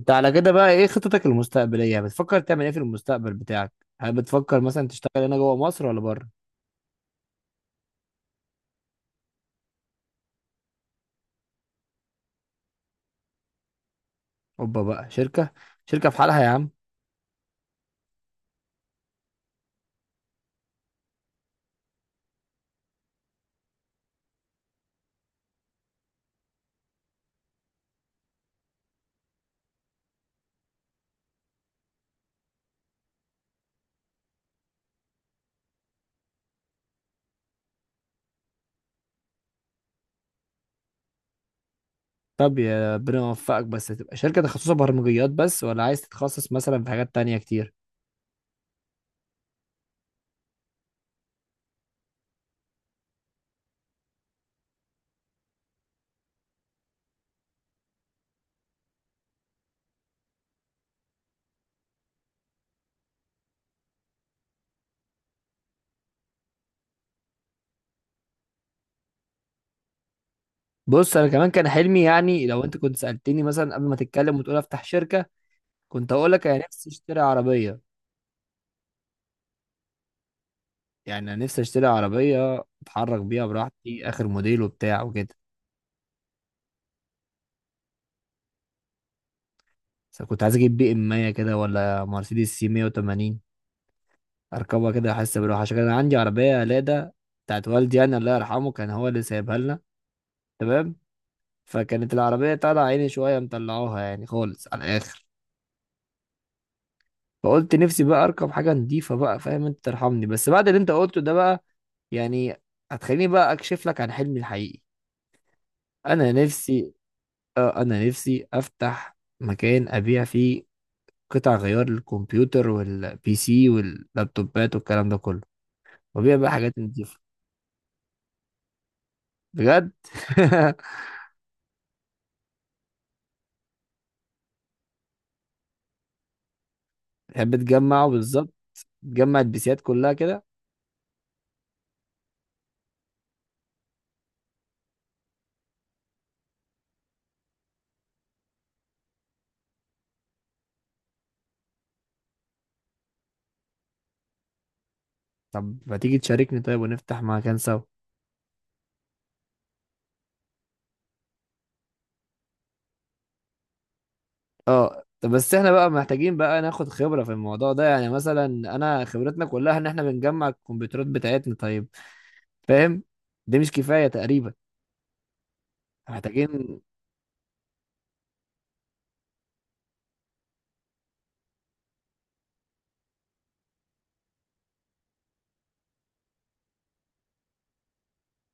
انت على كده بقى ايه خطتك المستقبليه؟ بتفكر تعمل ايه في المستقبل بتاعك؟ هل بتفكر مثلا تشتغل هنا جوه مصر ولا بره؟ اوبا بقى شركه، شركه في حالها يا عم. طب يا ربنا يوفقك، بس تبقى شركه تخصصها برمجيات بس، ولا عايز تتخصص مثلا في حاجات تانية كتير؟ بص انا كمان كان حلمي، يعني لو انت كنت سالتني مثلا قبل ما تتكلم وتقول افتح شركه، كنت اقول لك انا نفسي اشتري عربيه. يعني انا نفسي اشتري عربيه اتحرك بيها براحتي، اخر موديل وبتاع وكده. بس كنت عايز اجيب بي ام 100 كده، ولا مرسيدس سي 180، اركبها كده احس بالراحه، عشان كان عندي عربيه لادا بتاعت والدي، يعني الله يرحمه كان هو اللي سايبها لنا. تمام، فكانت العربيه طالعه عيني شويه، مطلعوها يعني خالص على الاخر. فقلت نفسي بقى اركب حاجه نضيفه بقى، فاهم؟ انت ترحمني بس بعد اللي انت قلته ده بقى، يعني هتخليني بقى اكشف لك عن حلمي الحقيقي. انا نفسي، اه انا نفسي افتح مكان ابيع فيه قطع غيار للكمبيوتر والبي سي واللابتوبات والكلام ده كله، وابيع بقى حاجات نضيفه. بجد؟ تحب تجمع بالظبط؟ تجمع البيسيات كلها كده؟ طب ما تيجي تشاركني طيب، ونفتح مكان سوا. اه طب بس احنا بقى محتاجين بقى ناخد خبرة في الموضوع ده، يعني مثلا انا خبرتنا كلها ان احنا بنجمع الكمبيوترات بتاعتنا، طيب، فاهم؟ دي مش كفاية تقريبا. محتاجين،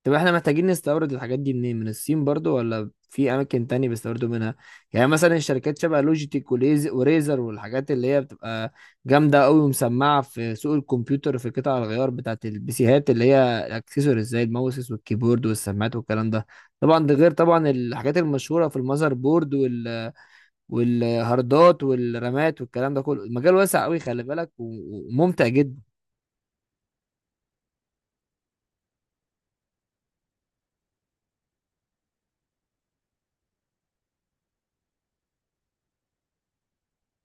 طب احنا محتاجين نستورد الحاجات دي منين؟ من الصين برضو، ولا في اماكن تانية بيستوردوا منها؟ يعني مثلا الشركات شبه لوجيتك وليز وريزر والحاجات اللي هي بتبقى جامدة قوي ومسمعة في سوق الكمبيوتر، في قطع الغيار بتاعت البيسيهات اللي هي الاكسسوارز زي الماوسز والكيبورد والسماعات والكلام ده. طبعا ده غير طبعا الحاجات المشهورة في المذر بورد، وال... والهاردات والرامات والكلام ده كله. المجال واسع قوي، خلي بالك، وممتع جدا.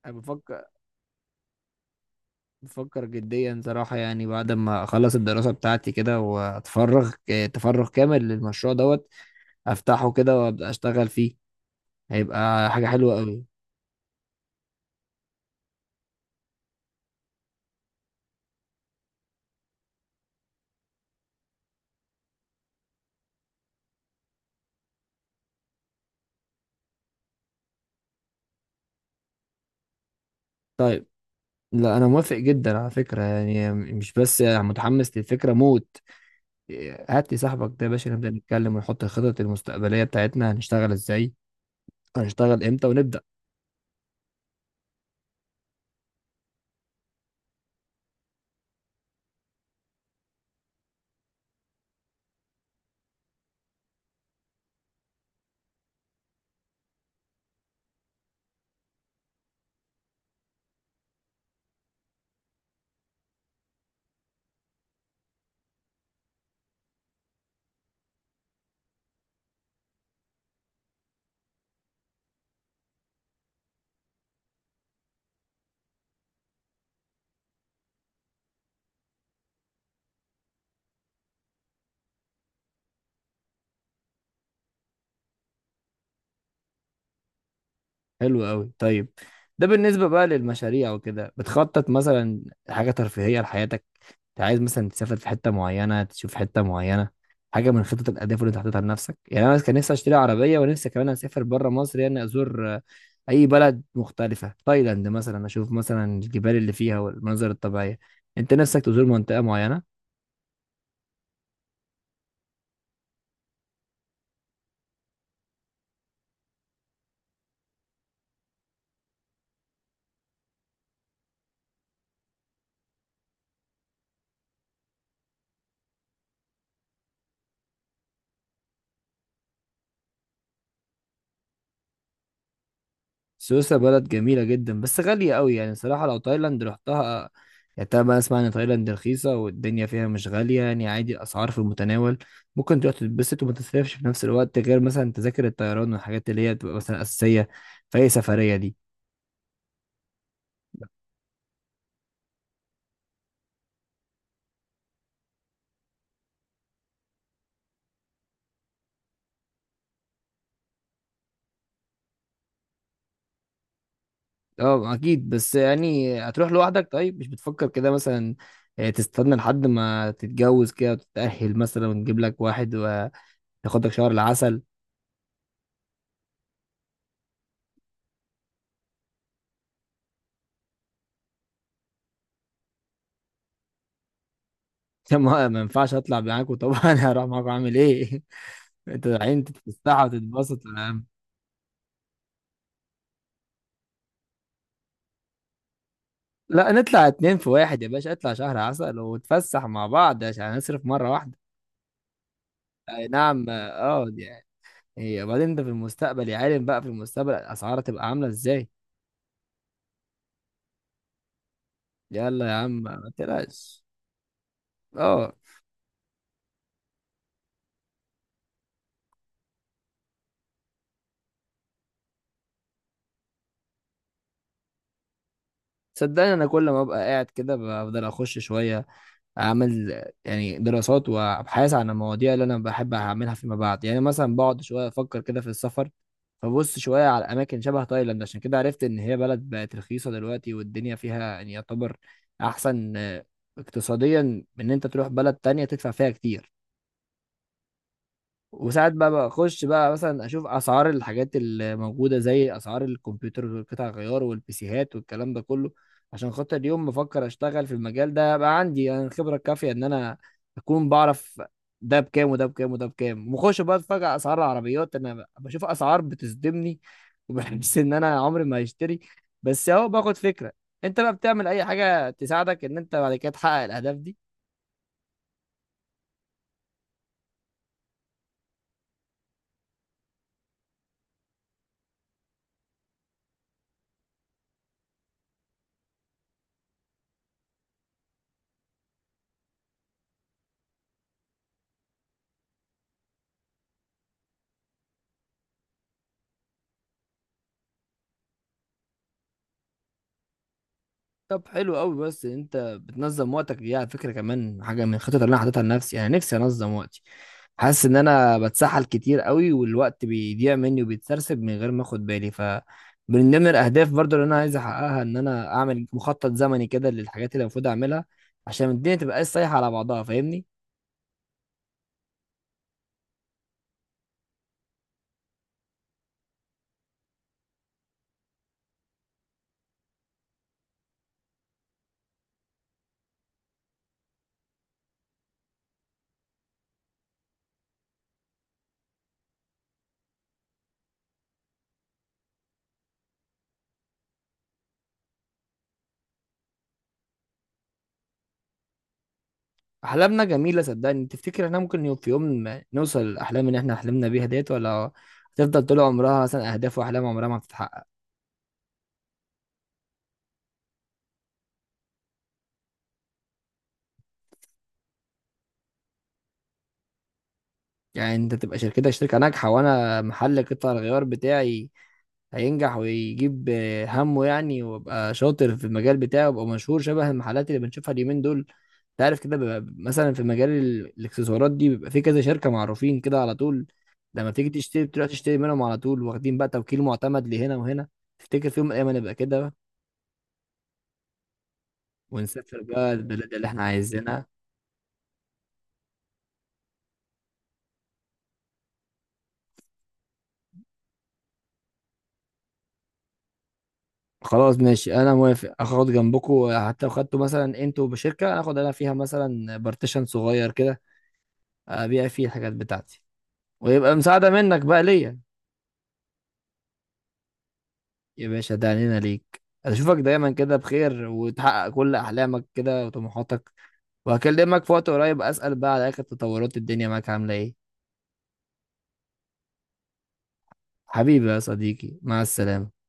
انا بفكر، بفكر جديا صراحة، يعني بعد ما أخلص الدراسة بتاعتي كده وأتفرغ تفرغ كامل للمشروع دوت، أفتحه كده وأبدأ أشتغل فيه، هيبقى حاجة حلوة أوي. طيب لا، أنا موافق جدا على فكرة، يعني مش بس متحمس للفكرة موت. هات لي صاحبك ده يا باشا نبدأ نتكلم ونحط الخطط المستقبلية بتاعتنا، هنشتغل إزاي، هنشتغل إمتى ونبدأ. حلو قوي، طيب. ده بالنسبة بقى للمشاريع وكده، بتخطط مثلا حاجة ترفيهية لحياتك؟ انت عايز مثلا تسافر في حتة معينة، تشوف حتة معينة، حاجة من خطط الأهداف اللي انت حاططها لنفسك؟ يعني أنا كان نفسي أشتري عربية، ونفسي كمان أسافر بره مصر، يعني أزور أي بلد مختلفة، تايلاند مثلا، أشوف مثلا الجبال اللي فيها والمناظر الطبيعية. انت نفسك تزور منطقة معينة؟ سويسرا بلد جميلة جدا، بس غالية قوي يعني صراحة. لو تايلاند رحتها، يعني طبعا بقى اسمع ان تايلاند رخيصة والدنيا فيها مش غالية، يعني عادي الاسعار في المتناول، ممكن تروح تتبسط وما تصرفش في نفس الوقت غير مثلا تذاكر الطيران والحاجات اللي هي بتبقى مثلا اساسية في اي سفرية دي. اه اكيد، بس يعني هتروح لوحدك؟ طيب مش بتفكر كده مثلا، تستنى لحد ما تتجوز كده وتتأهل مثلا، ونجيب لك واحد وتاخدك شهر العسل؟ ما ينفعش اطلع معاكوا؟ طبعا هروح معاكوا، اعمل ايه؟ انت عين تتفسح وتتبسط يا عم. لا، نطلع اتنين في واحد يا باشا، اطلع شهر عسل ونتفسح مع بعض، عشان هنصرف مرة واحدة. اي نعم، اه دي يعني، هي وبعدين انت في المستقبل يا عالم بقى، في المستقبل الاسعار هتبقى عاملة ازاي. يلا يا عم ما تقلقش. اه صدقني انا كل ما ابقى قاعد كده بفضل اخش شوية، اعمل يعني دراسات وابحاث عن المواضيع اللي انا بحب اعملها فيما بعد، يعني مثلا بقعد شويه افكر كده في السفر، فبص شويه على اماكن شبه تايلاند، عشان كده عرفت ان هي بلد بقت رخيصه دلوقتي والدنيا فيها يعني يعتبر احسن اقتصاديا من ان انت تروح بلد تانية تدفع فيها كتير. وساعات بقى بخش بقى مثلا اشوف اسعار الحاجات اللي موجوده زي اسعار الكمبيوتر والقطع الغيار والبيسيهات والكلام ده كله، عشان خاطر اليوم بفكر اشتغل في المجال ده، بقى عندي انا الخبره الكافيه ان انا اكون بعرف ده بكام وده بكام وده بكام. وخش بقى اتفاجئ اسعار العربيات، انا بشوف اسعار بتصدمني وبحس ان انا عمري ما هشتري، بس اهو باخد فكره. انت بقى بتعمل اي حاجه تساعدك ان انت بعد كده تحقق الاهداف دي؟ طب حلو قوي، بس انت بتنظم وقتك دي على فكره كمان حاجه من الخطط اللي انا حاططها لنفسي، انا نفسي انظم وقتي. حاسس ان انا بتسحل كتير قوي، والوقت بيضيع مني وبيتسرسب من غير ما اخد بالي، ف من ضمن الاهداف برضو اللي انا عايز احققها ان انا اعمل مخطط زمني كده للحاجات اللي المفروض اعملها، عشان الدنيا تبقى سايحه على بعضها، فاهمني؟ احلامنا جميله صدقني، تفتكر احنا ممكن في يوم ما نوصل الاحلام اللي احنا حلمنا بيها ديت، ولا هتفضل طول عمرها مثلا اهداف واحلام عمرها ما بتتحقق؟ يعني انت تبقى شركتك شركة ناجحة، وانا محل قطع الغيار بتاعي هينجح ويجيب همه يعني، وابقى شاطر في المجال بتاعي وابقى مشهور شبه المحلات اللي بنشوفها اليومين دول. انت عارف كده بيبقى مثلا في مجال الاكسسوارات دي بيبقى في كذا شركة معروفين كده على طول، لما تيجي تشتري بتروح تشتري منهم على طول، واخدين بقى توكيل معتمد لهنا وهنا. تفتكر في يوم من الايام هنبقى كده، ونسافر بقى البلاد اللي احنا عايزينها؟ خلاص ماشي، انا موافق. اخد جنبكم، حتى لو خدتوا مثلا انتوا بشركه اخد انا فيها مثلا بارتيشن صغير كده، ابيع فيه الحاجات بتاعتي، ويبقى مساعده منك بقى ليا. يا باشا ده علينا ليك، اشوفك دايما كده بخير وتحقق كل احلامك كده وطموحاتك. وهكلمك في وقت قريب اسال بقى على اخر تطورات الدنيا، معاك عامله ايه. حبيبي يا صديقي، مع السلامه.